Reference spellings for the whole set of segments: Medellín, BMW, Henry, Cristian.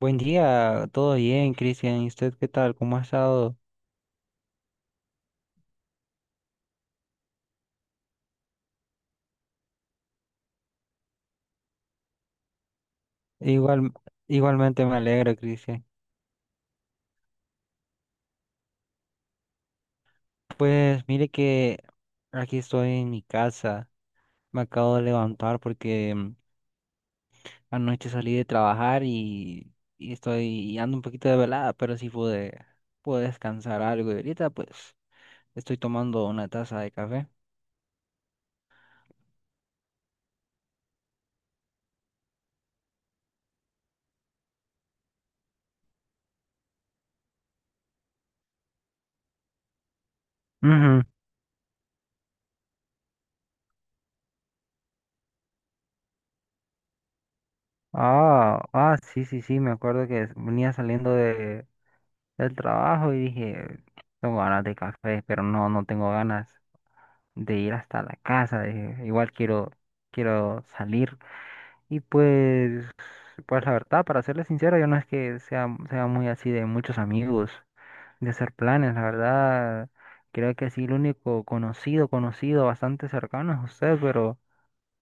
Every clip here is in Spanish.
Buen día, todo bien, Cristian. ¿Y usted qué tal? ¿Cómo ha estado? Igual, igualmente me alegro, Cristian. Pues mire que aquí estoy en mi casa. Me acabo de levantar porque anoche salí de trabajar y ando un poquito de velada, pero pude descansar algo. Y ahorita pues estoy tomando una taza de café. Ujú. Ah, ah, sí, sí, sí, me acuerdo que venía del trabajo y dije, tengo ganas de café, pero no, no tengo ganas de ir hasta la casa, dije, quiero salir. Y pues, pues la verdad, para serles sincero, yo no es que sea muy así de muchos amigos, de hacer planes, la verdad, creo que sí, el único conocido, bastante cercano es usted, pero,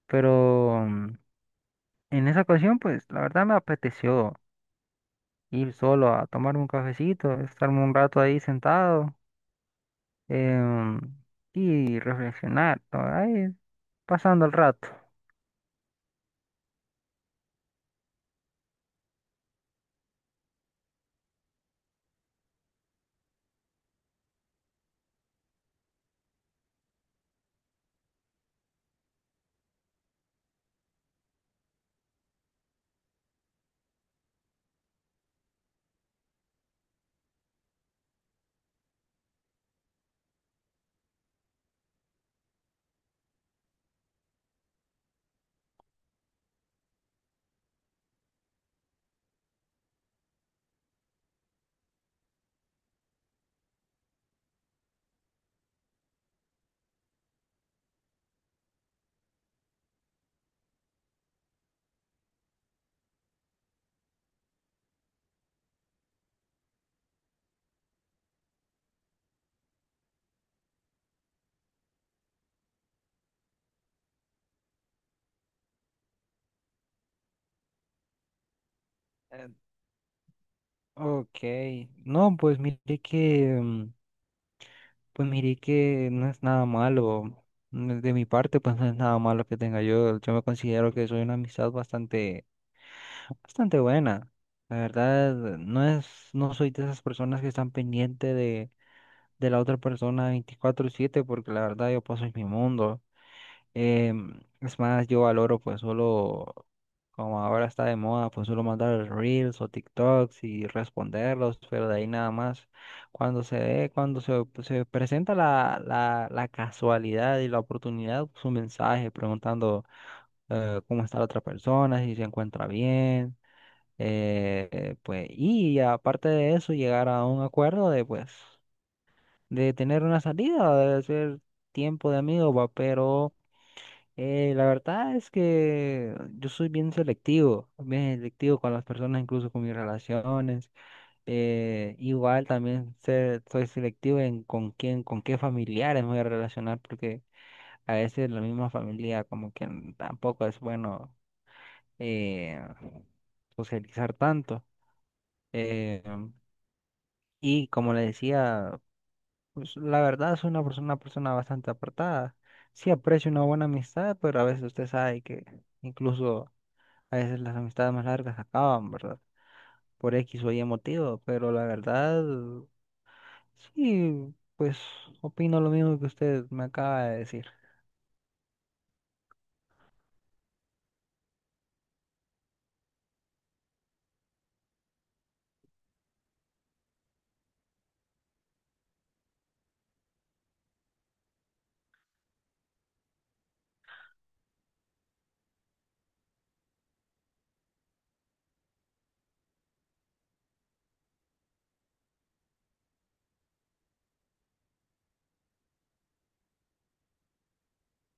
pero en esa ocasión, pues la verdad me apeteció ir solo a tomarme un cafecito, estarme un rato ahí sentado em, y reflexionar, ¿no? Ahí, pasando el rato. Eh, Ok, no, pues pues mire que no es nada malo. De mi parte, pues no es nada malo que tenga yo. Yo me considero que soy una amistad bastante buena. La verdad, no soy de esas personas que están de la otra persona 24/7, porque la verdad yo paso en mi mundo. Es más, yo valoro pues solo, como ahora está de moda, pues solo mandar reels o TikToks y responderlos, pero de ahí nada más. Se presenta la casualidad y la oportunidad, pues un mensaje preguntando cómo está la otra persona, si se encuentra bien, pues, y aparte de eso, llegar a un acuerdo de pues, de tener una salida, de hacer tiempo de amigo, va, pero la verdad es que yo soy bien selectivo con las personas, incluso con mis relaciones. Igual también soy selectivo en con quién, con qué familiares me voy a relacionar, porque a veces la misma familia como que tampoco es bueno eh, socializar tanto. Eh, y como le decía, pues, la verdad soy una persona bastante apartada. Sí aprecio una buena amistad, pero a veces usted sabe que incluso a veces las amistades más largas acaban, ¿verdad? Por X o Y motivo, pero la verdad, sí, pues opino lo mismo que usted me acaba de decir.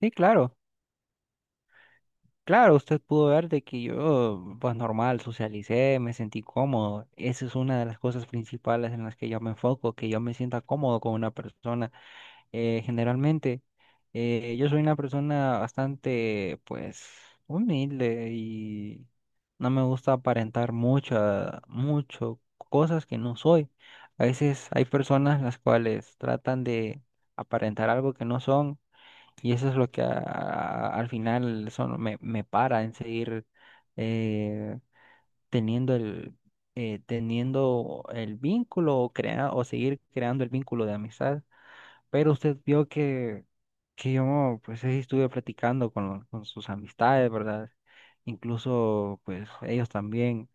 Sí, claro, claro, usted pudo ver de que yo, pues normal, socialicé, me sentí cómodo. Esa es una de las cosas principales en las que yo me enfoco, que yo me sienta cómodo con una persona, generalmente. Yo soy una persona bastante, pues, humilde y no me gusta aparentar mucho cosas que no soy. A veces hay personas las cuales tratan de aparentar algo que no son y eso es lo que al final son, me para en seguir eh, teniendo el, teniendo el vínculo o, o seguir creando el vínculo de amistad. Pero usted vio que yo pues ahí estuve platicando con, con sus amistades, ¿verdad? Incluso pues ellos también,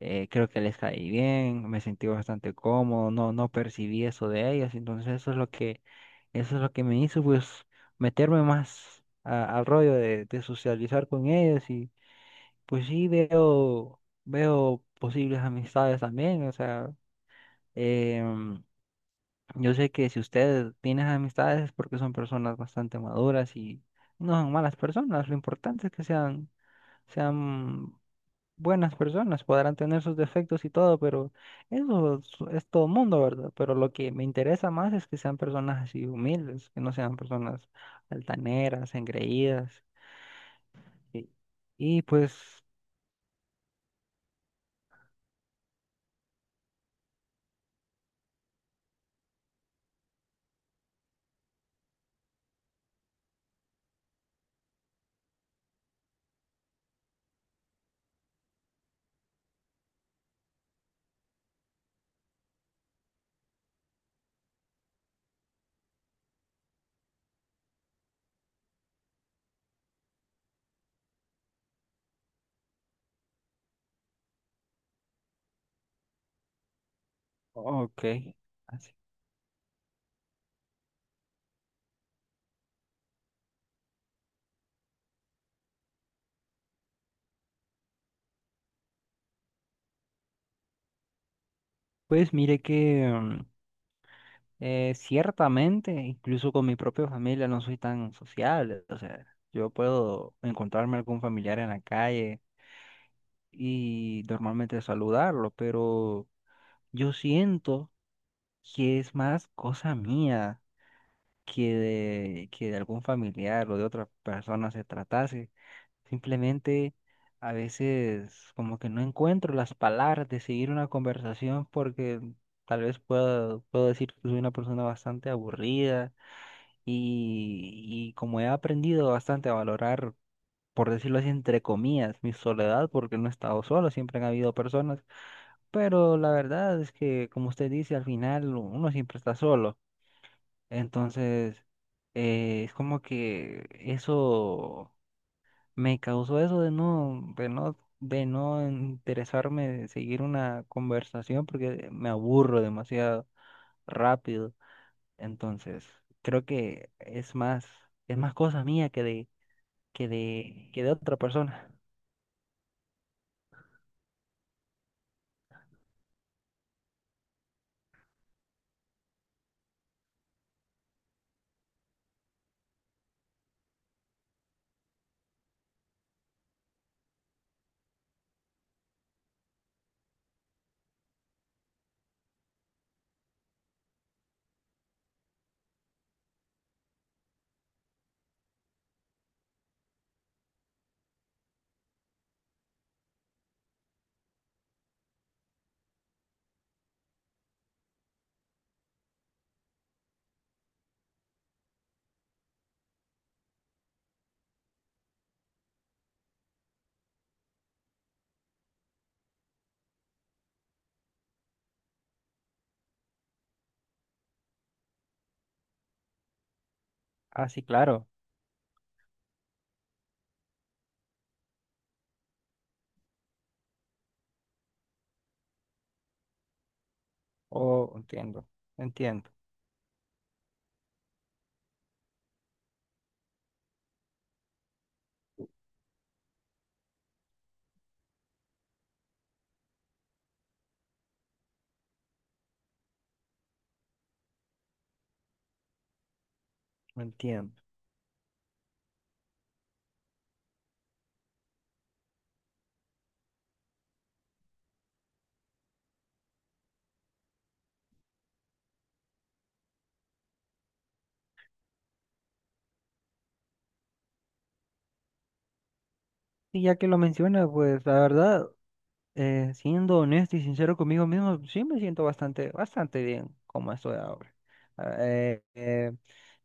creo que les caí bien, me sentí bastante cómodo, no, no percibí eso de ellos, entonces eso es lo que, eso es lo que me hizo pues meterme más al rollo de socializar con ellos y pues sí veo, veo posibles amistades también, o sea, em, yo sé que si usted tiene esas amistades es porque son personas bastante maduras y no son malas personas. Lo importante es que sean buenas personas. Podrán tener sus defectos y todo, pero es todo mundo, ¿verdad? Pero lo que me interesa más es que sean personas así humildes, que no sean personas altaneras, engreídas. Y, y pues, ok. Así. Pues mire que... ciertamente, incluso con mi propia familia no soy tan sociable. O sea, yo puedo encontrarme algún familiar en la calle y normalmente saludarlo, pero yo siento que es más cosa mía que de algún familiar o de otra persona se tratase. Simplemente a veces como que no encuentro las palabras de seguir una conversación porque tal vez puedo decir que soy una persona bastante aburrida y como he aprendido bastante a valorar, por decirlo así, entre comillas, mi soledad, porque no he estado solo, siempre han habido personas, pero la verdad es que, como usted dice, al final uno siempre está solo, entonces, es como que eso me causó eso de de no interesarme, de seguir una conversación, porque me aburro demasiado rápido. Entonces, creo que es más cosa mía que de otra persona. Ah, sí, claro. Oh, entiendo, entiendo, entiendo. Y ya que lo menciona, pues la verdad, siendo honesto y sincero conmigo mismo, sí me siento bastante bien como estoy ahora. Ah, Eh, eh,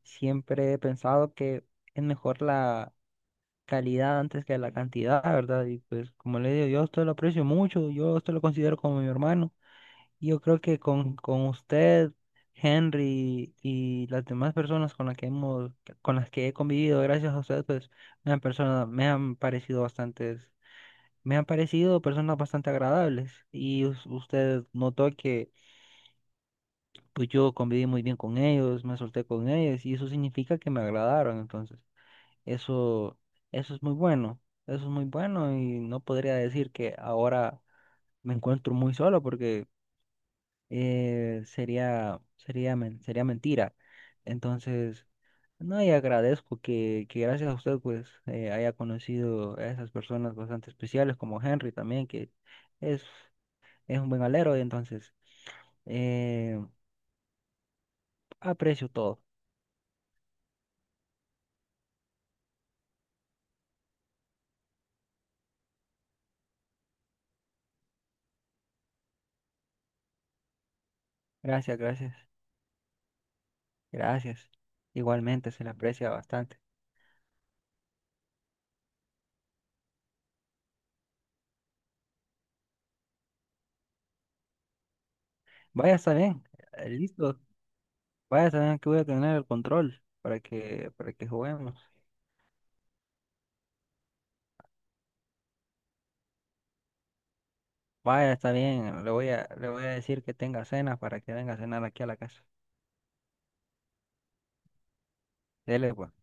Siempre he pensado que es mejor la calidad antes que la cantidad, ¿verdad? Y pues como le digo, yo a usted lo aprecio mucho, yo a usted lo considero como mi hermano. Yo creo que con usted, Henry y las demás personas con las con las que he convivido, gracias a usted, pues me han parecido bastantes, me han parecido personas bastante agradables. Y usted notó que pues yo conviví muy bien con ellos, me solté con ellos, y eso significa que me agradaron. Entonces, eso, eso es muy bueno, eso es muy bueno, y no podría decir que ahora me encuentro muy solo porque, sería mentira. Entonces, no, y agradezco que gracias a usted pues haya conocido a esas personas bastante especiales como Henry también, que es, es un buen alero, y entonces eh, aprecio todo. Gracias, gracias, gracias. Igualmente se le aprecia bastante. Vaya, está bien, listo. Vaya, está bien que voy a tener el control para que juguemos. Vaya, está bien, le voy a decir que tenga cena para que venga a cenar aquí a la casa. Dele, pues.